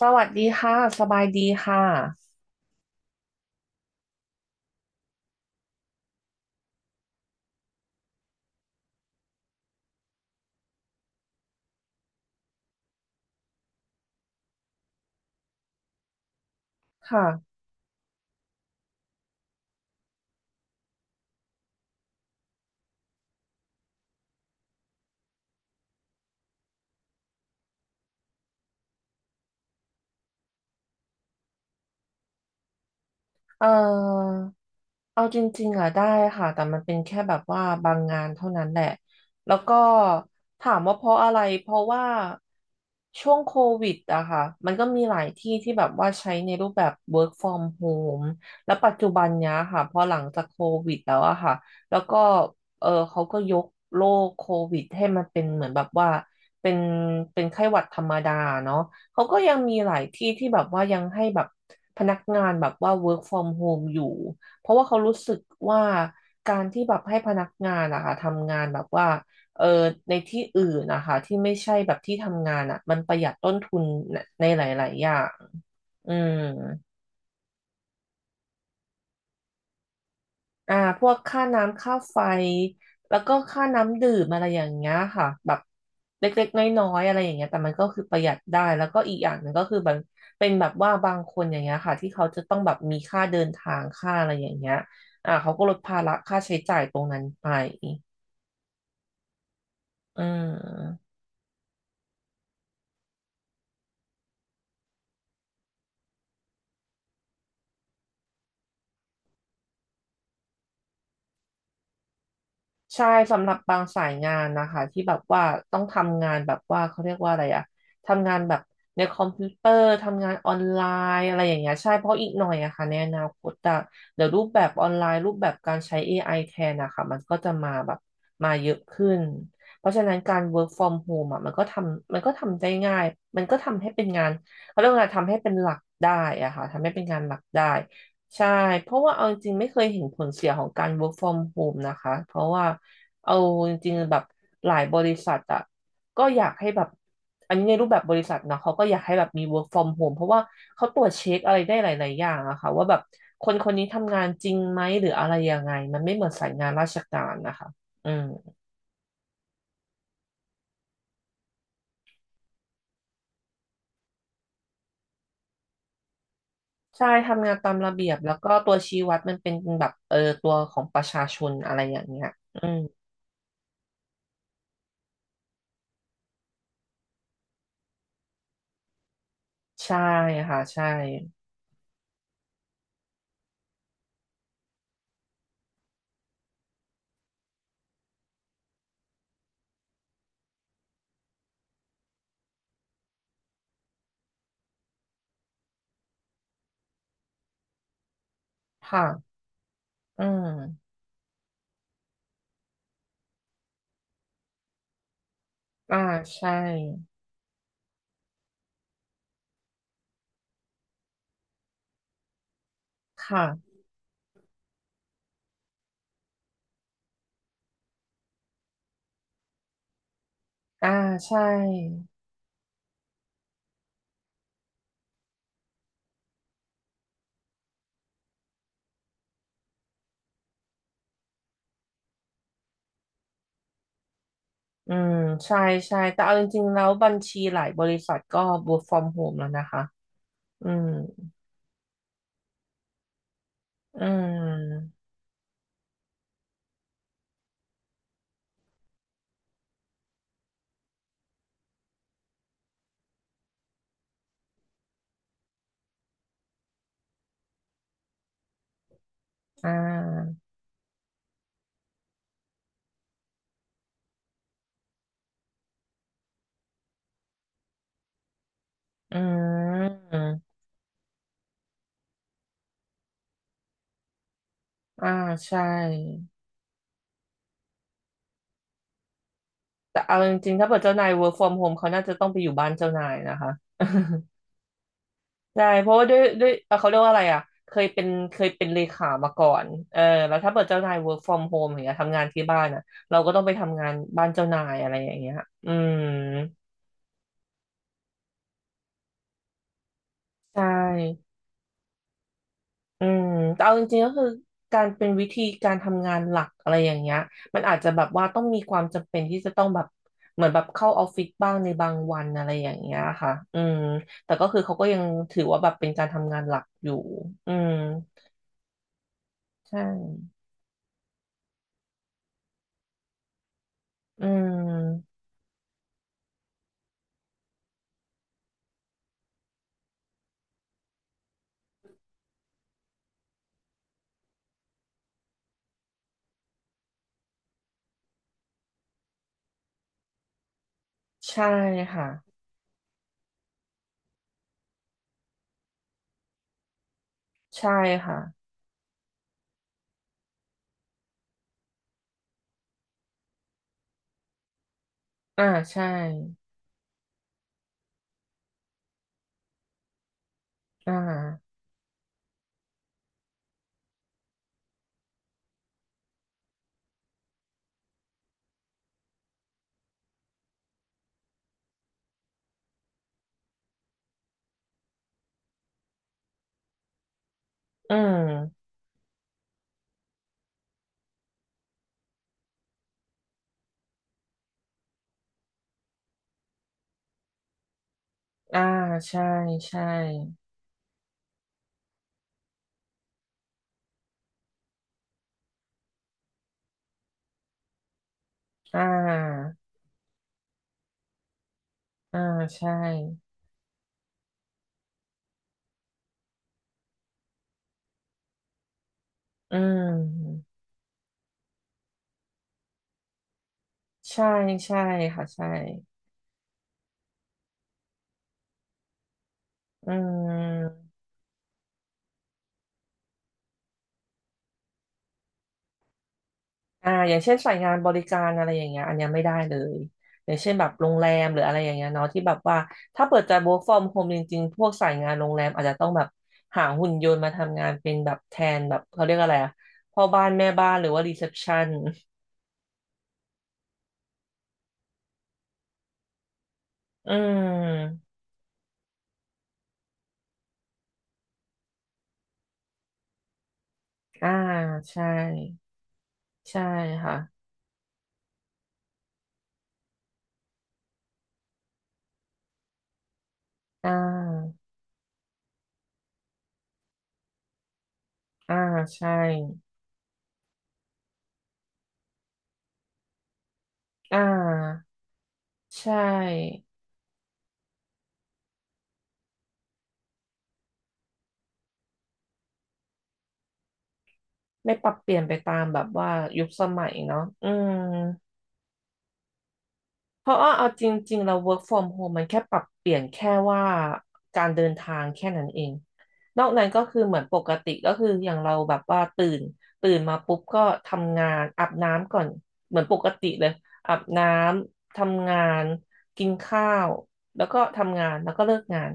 สวัสดีค่ะสบายดีค่ะค่ะเอ่อเอาจริงๆอ่ะได้ค่ะแต่มันเป็นแค่แบบว่าบางงานเท่านั้นแหละแล้วก็ถามว่าเพราะอะไรเพราะว่าช่วงโควิดอะค่ะมันก็มีหลายที่ที่แบบว่าใช้ในรูปแบบ work from home แล้วปัจจุบันเนี้ยค่ะพอหลังจากโควิดแล้วอะค่ะแล้วก็เออเขาก็ยกโรคโควิดให้มันเป็นเหมือนแบบว่าเป็นเป็นไข้หวัดธรรมดาเนาะ เขาก็ยังมีหลายที่ที่แบบว่ายังให้แบบพนักงานแบบว่า work from home อยู่ เพราะว่าเขารู้สึกว่าการที่แบบให้พนักงานอะค่ะทำงานแบบว่าเออในที่อื่นนะคะที่ไม่ใช่แบบที่ทำงานอะมันประหยัดต้นทุนในหลายๆอย่างอืม อ่าพวกค่าน้ำค่าไฟแล้วก็ค่าน้ำดื่มอะไรอย่างเงี้ยค่ะแบบเล็กๆน้อยๆอะไรอย่างเงี้ยแต่มันก็คือประหยัดได้แล้วก็อีกอย่างหนึ่งก็คือแบบเป็นแบบว่าบางคนอย่างเงี้ยค่ะที่เขาจะต้องแบบมีค่าเดินทางค่าอะไรอย่างเงี้ยอ่าเขาก็ลดภาระค่าใช้จ่ายตรงนั้นไปอืม ใช่สำหรับบางสายงานนะคะที่แบบว่าต้องทำงานแบบว่าเขาเรียกว่าอะไรอะทำงานแบบในคอมพิวเตอร์ทำงานออนไลน์อะไรอย่างเงี้ยใช่เพราะอีกหน่อยอะค่ะในอนาคตอะเดี๋ยวรูปแบบออนไลน์รูปแบบการใช้ AI แทนนะคะมันก็จะมาแบบมาเยอะขึ้นเพราะฉะนั้นการ work from home อะมันก็ทำได้ง่ายมันก็ทำให้เป็นงานเขาเรียกว่าทำให้เป็นหลักได้อะค่ะทำให้เป็นงานหลักได้ ใช่ เพราะว่าเอาจริงๆไม่เคยเห็นผลเสียของการ work from home นะคะเพราะว่าเอาจริงๆแบบหลายบริษัทอะก็อยากให้แบบอันนี้ในรูปแบบบริษัทนะเขาก็อยากให้แบบมี work from home เพราะว่าเขาตรวจเช็คอะไรได้หลายๆอย่างอะค่ะว่าแบบคนคนนี้ทำงานจริงไหมหรืออะไรยังไงมันไม่เหมือนสายงานราชการนะคะอืมใช่ทำงานตามระเบียบแล้วก็ตัวชี้วัดมันเป็นแบบเออตัวของประชาชนอะไรอย่างเงี้ยอืมใช่ค่ะใช่ค่ะอืม อ่าใช่ค่ะอ่าใช่อืมใช่ใช่แต่เอาจริงๆแล้วบัญชีหลายบริษัทก็ work from home แล้วนะคะอืมอืมอ่าอืมอ่าใช่แต่เอาจริงๆถ้าเกิดเจ้านาย work from home เขาน่าจะต้องไปอยู่บ้านเจ้านายนะคะ ใช่เพราะว่าด้วยเขาเรียกว่าอะไรอ่ะเคยเป็นเลขามาก่อนเออแล้วถ้าเปิดเจ้านาย work from home อย่างเงี้ยทำงานที่บ้านอ่ะเราก็ต้องไปทำงานบ้านเจ้านายอะไรอย่างเงี้ยอืมใช่อืมแต่เอาจริงๆก็คือการเป็นวิธีการทำงานหลักอะไรอย่างเงี้ยมันอาจจะแบบว่าต้องมีความจำเป็นที่จะต้องแบบเหมือนแบบเข้าออฟฟิศบ้างในบางวันอะไรอย่างเงี้ยค่ะอืมแต่ก็คือเขาก็ยังถือว่าแบบเป็นการทำงานหลักอยู่อืมใช่อืม ใช่ค่ะใช่ค่ะอ่าใช่อ่าอืมอ่าใช่ใช่อ่าอ่าใช่อืมใช่ใช่ค่ะใช่อืมอ่าอย่างเช่นสายงานบริการอะไรอย่างเงี้ยอันเนี้ยไม่ได้เลยอย่างเช่นแบบโรงแรมหรืออะไรอย่างเงี้ยเนาะที่แบบว่าถ้าเปิดจะ work from home จริงๆพวกสายงานโรงแรมอาจจะต้องแบบหาหุ่นยนต์มาทำงานเป็นแบบแทนแบบเขาเรียกอะไรอะพ่อบ้านแม่บ้านหรือว่ารีเซพชัน อืมอ่าใช่ใช่ค่ะอ่าอ่าใช่อ่าใช่ไม่ปรับเปลี่ยนไปตามแบบว่ายุคสมัยเนาะอืม เพราะว่าเอาจริงๆเรา work from home มันแค่ปรับเปลี่ยนแค่ว่าการเดินทางแค่นั้นเองนอกนั้นก็คือเหมือนปกติก็คืออย่างเราแบบว่าตื่นมาปุ๊บก็ทำงานอาบน้ำก่อนเหมือนปกติเลยอาบน้ำทำงานกินข้าวแล้วก็ทำงานแล้วก็เลิกงาน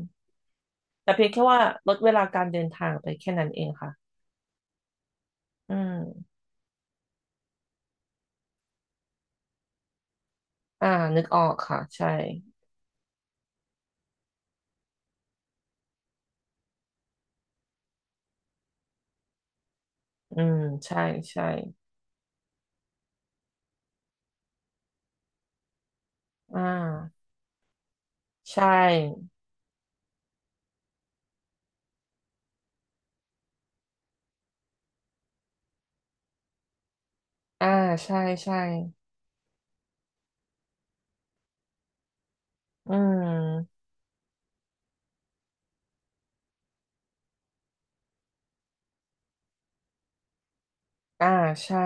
แต่เพียงแค่ว่าลดเวลาการเดินทางไปแค่นั้นเองค่ะอืมอ่านึกออกค่ะใช่อืมใช่ใช่อ่าใช่ อ่าใช่ใช่อืมอ่าใช่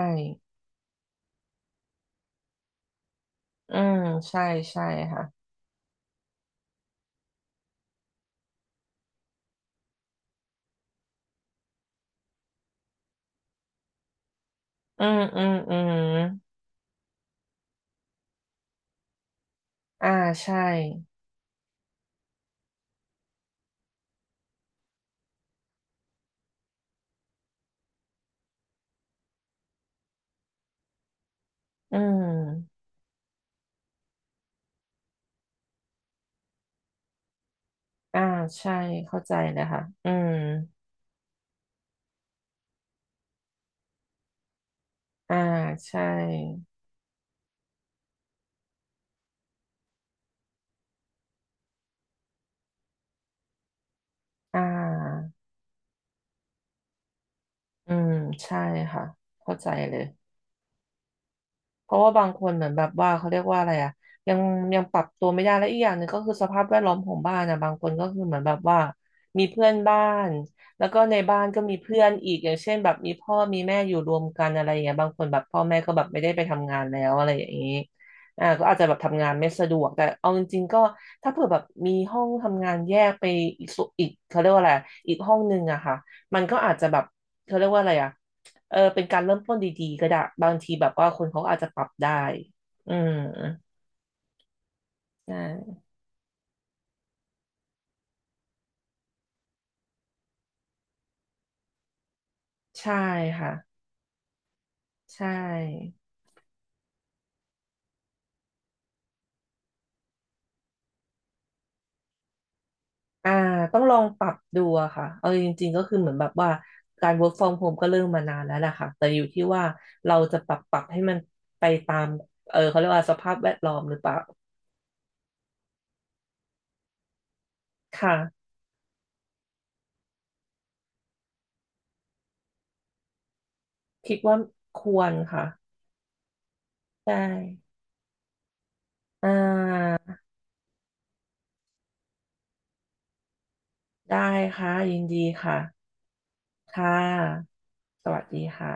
อืมใช่ใช่ค่ะอืมอืมอืมอ่าใช่อืมอ่าใช่เข้าใจเลยค่ะอืมอ่าใช่อ่าอืมใช่ค่ะเข้าใจเลย เพราะว่าบางคนเหมือนแบบว่าเขาเรียกว่าอะไรอ่ะยังยังปรับตัวไม่ได้และอีกอย่างหนึ่งก็คือสภาพแวดล้อมของบ้านนะบางคนก็คือเหมือนแบบว่ามีเพื่อนบ้านแล้วก็ในบ้านก็มีเพื่อนอีกอย่างเช่นแบบมีพ่อมีแม่อยู่รวมกันอะไรอย่างเงี้ยบางคนแบบพ่อแม่ก็แบบไม่ได้ไปทำงานแล้วอะไรอย่างนี้อ่าก็อาจจะแบบทำงานไม่สะดวกแต่เอาจริงๆก็ถ้าเผื่อแบบมีห้องทำงานแยกไปอีกส่วนอีกเขาเรียกว่าอะไรอีกห้องนึงอะค่ะมันก็อาจจะแบบเขาเรียกว่าอะไรอะ เออเป็นการเริ่มต้นดีๆก็ได้บางทีแบบว่าคนเขาอาจจะปรับได้อืมใช่ใช่ค่ะใช่อ่าต้องลองปรับดูอะค่ะเอาจริงๆก็คือเหมือนแบบว่าการ work from home ก็เริ่มมานานแล้วแหละค่ะแต่อยู่ที่ว่าเราจะปรับปรับให้มันไปตามเออเขาเรียกว่าสภาพแวดล้อมหรือเปล่าค่ะคิดว่าควรค่ะได้อ่าได้ค่ะยินดีค่ะค่ะสวัสดีค่ะ